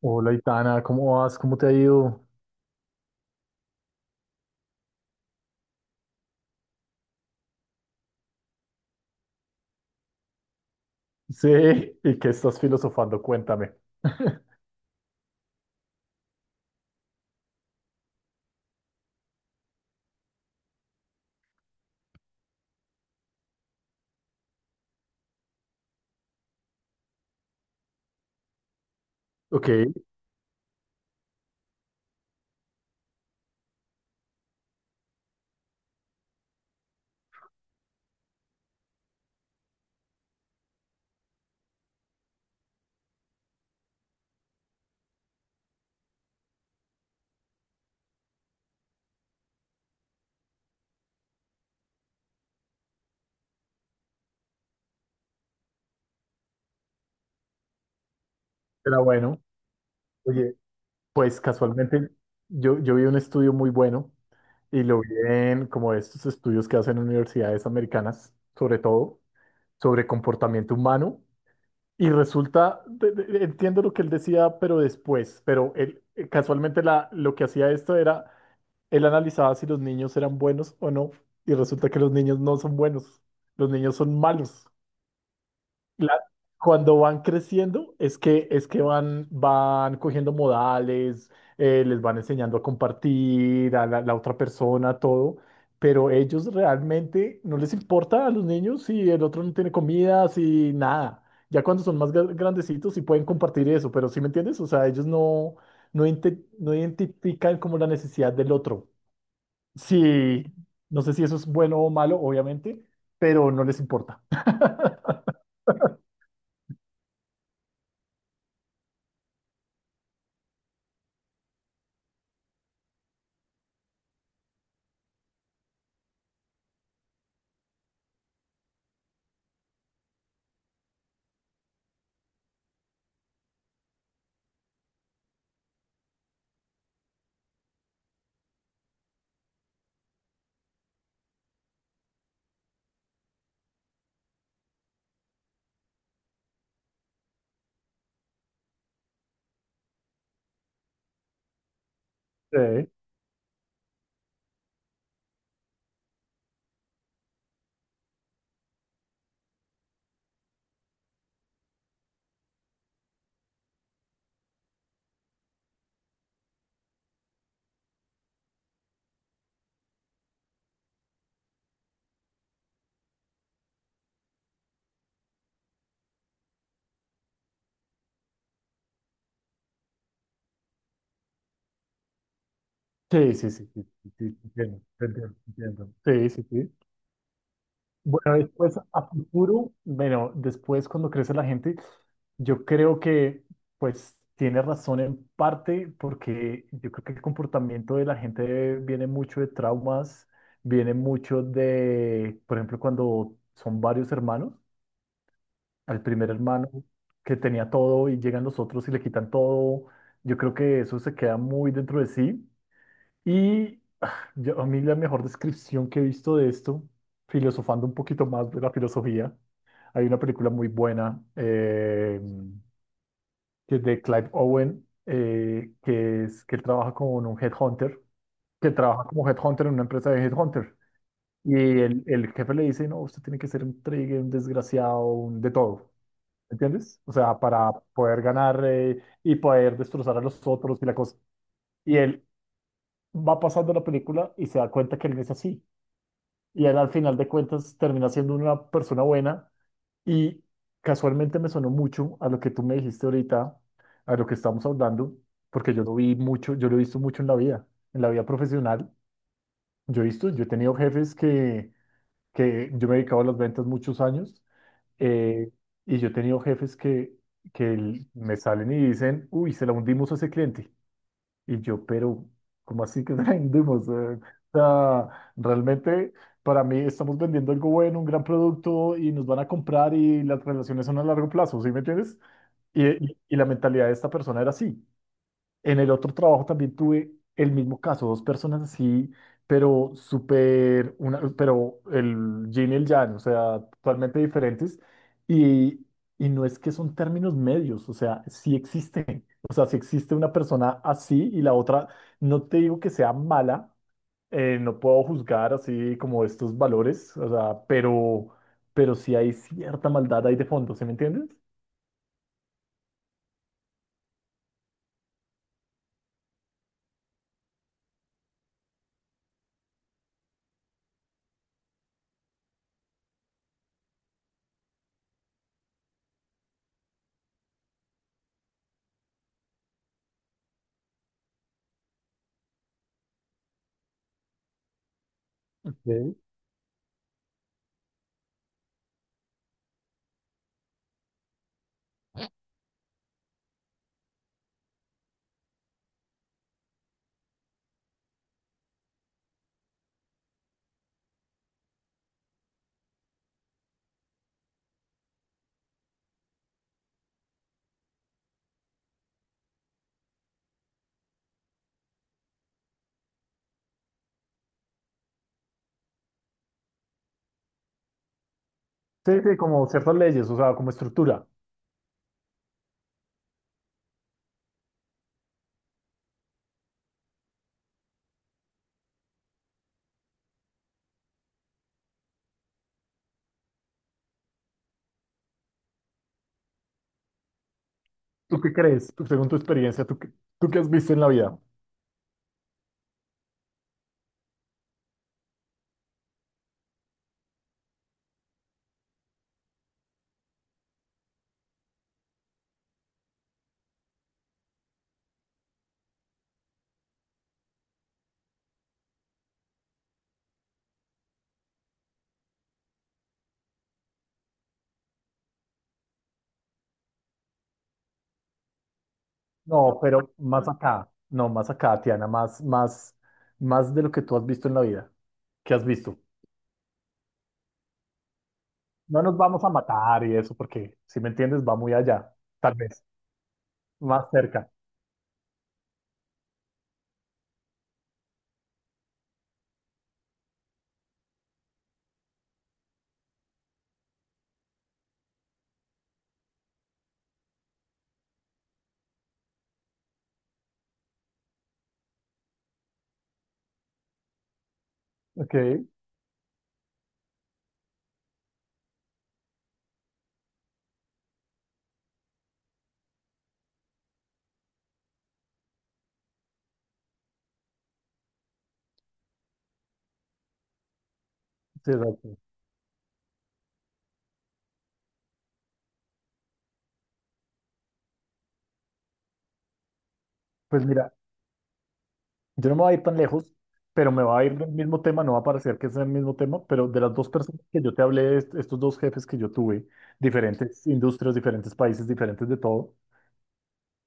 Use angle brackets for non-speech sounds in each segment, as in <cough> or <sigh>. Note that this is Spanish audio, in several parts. Hola, Itana, ¿cómo vas? ¿Cómo te ha ido? <laughs> Sí, ¿y qué estás filosofando? Cuéntame. Ok, era bueno. Oye, pues casualmente yo vi un estudio muy bueno y lo vi en como estos estudios que hacen universidades americanas, sobre todo, sobre comportamiento humano. Y resulta, entiendo lo que él decía, pero después, pero él casualmente lo que hacía esto era, él analizaba si los niños eran buenos o no, y resulta que los niños no son buenos, los niños son malos. la- Cuando van creciendo es que van cogiendo modales, les van enseñando a compartir, la otra persona, todo, pero ellos realmente no les importa a los niños si el otro no tiene comida, si nada. Ya cuando son más grandecitos sí pueden compartir eso, pero ¿sí me entiendes? O sea, ellos no, no, no identifican como la necesidad del otro. Sí, no sé si eso es bueno o malo, obviamente, pero no les importa. <laughs> Sí. Sí, sí, sí, sí, sí, sí, te entiendo, te entiendo, te entiendo. Sí, sí, sí. Bueno, después a futuro, bueno, después cuando crece la gente, yo creo que pues tiene razón en parte porque yo creo que el comportamiento de la gente viene mucho de traumas, viene mucho de, por ejemplo, cuando son varios hermanos, al primer hermano que tenía todo y llegan los otros y le quitan todo, yo creo que eso se queda muy dentro de sí. Y a mí la mejor descripción que he visto de esto, filosofando un poquito más de la filosofía, hay una película muy buena que es de Clive Owen, que es que él trabaja con un headhunter, que trabaja como headhunter en una empresa de headhunter. Y el jefe le dice, no, usted tiene que ser un trigger, un desgraciado, un de todo. ¿Entiendes? O sea, para poder ganar y poder destrozar a los otros y la cosa. Y él va pasando la película y se da cuenta que él no es así y él al final de cuentas termina siendo una persona buena y casualmente me sonó mucho a lo que tú me dijiste ahorita, a lo que estamos hablando, porque yo lo vi mucho, yo lo he visto mucho en la vida profesional. Yo he visto, yo he tenido jefes que yo me he dedicado a las ventas muchos años eh, y yo he tenido jefes que me salen y dicen, uy, se la hundimos a ese cliente. Y yo, pero, ¿cómo así que <laughs> vendemos? O sea, realmente para mí estamos vendiendo algo bueno, un gran producto y nos van a comprar y las relaciones son a largo plazo, ¿sí me entiendes? Y, y la mentalidad de esta persona era así. En el otro trabajo también tuve el mismo caso, dos personas así, pero súper, una, pero el yin y el yang, o sea, totalmente diferentes. Y, y no es que son términos medios, o sea, sí existen. O sea, si existe una persona así y la otra, no te digo que sea mala, no puedo juzgar así como estos valores, o sea, pero sí hay cierta maldad ahí de fondo, ¿sí me entiendes? Ok. Sí, sí, como ciertas leyes, o sea, como estructura. ¿Tú qué crees? Tú, según tu experiencia, tú qué has visto en la vida? No, pero más acá, no, más acá, Tiana, más, más, más de lo que tú has visto en la vida. ¿Qué has visto? No nos vamos a matar y eso, porque si me entiendes, va muy allá, tal vez, más cerca. Ok, sí, exacto. Pues mira, yo no me voy a ir tan lejos, pero me va a ir del mismo tema, no va a parecer que es el mismo tema, pero de las dos personas que yo te hablé, estos dos jefes que yo tuve, diferentes industrias, diferentes países, diferentes de todo.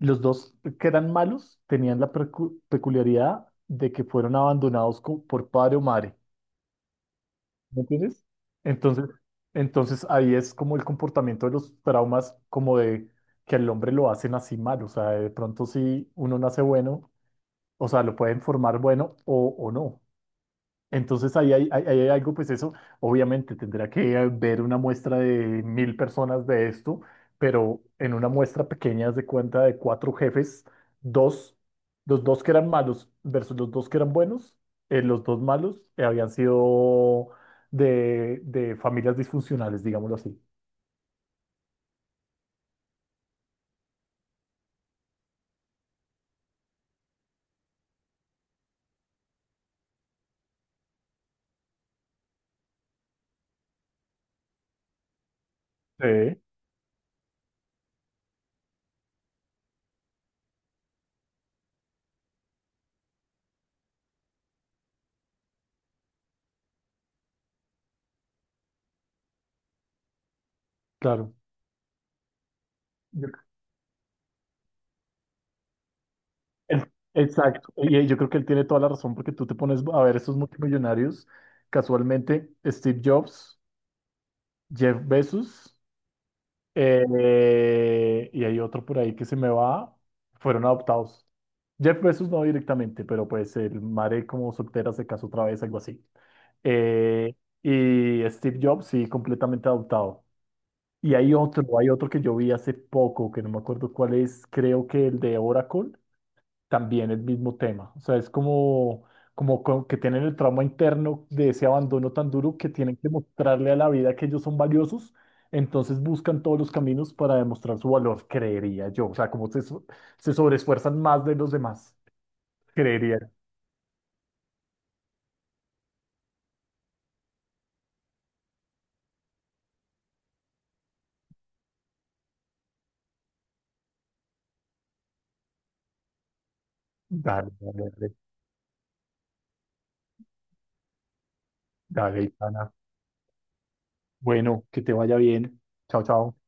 Los dos que eran malos tenían la peculiaridad de que fueron abandonados por padre o madre. ¿Me entiendes? Entonces, entonces ahí es como el comportamiento de los traumas, como de que al hombre lo hacen así mal. O sea, de pronto si uno nace bueno, o sea, lo pueden formar bueno o no. Entonces ahí hay algo, pues eso, obviamente tendrá que ver una muestra de 1000 personas de esto, pero en una muestra pequeña haz de cuenta de cuatro jefes, dos, los dos que eran malos versus los dos que eran buenos, los dos malos habían sido de familias disfuncionales, digámoslo así. Sí. Claro. Yo- exacto. Y yo creo que él tiene toda la razón porque tú te pones a ver esos multimillonarios, casualmente Steve Jobs, Jeff Bezos. Y hay otro por ahí que se me va. Fueron adoptados. Jeff Bezos no directamente, pero pues el madre como soltera se casó otra vez, algo así. Eh, y Steve Jobs, sí, completamente adoptado. Y hay otro que yo vi hace poco, que no me acuerdo cuál es, creo que el de Oracle, también el mismo tema. O sea, es como, que tienen el trauma interno de ese abandono tan duro que tienen que mostrarle a la vida que ellos son valiosos. Entonces buscan todos los caminos para demostrar su valor, creería yo. O sea, se sobreesfuerzan más de los demás, creería. Dale, dale, dale, dale, Itana. Bueno, que te vaya bien. Chao, chao.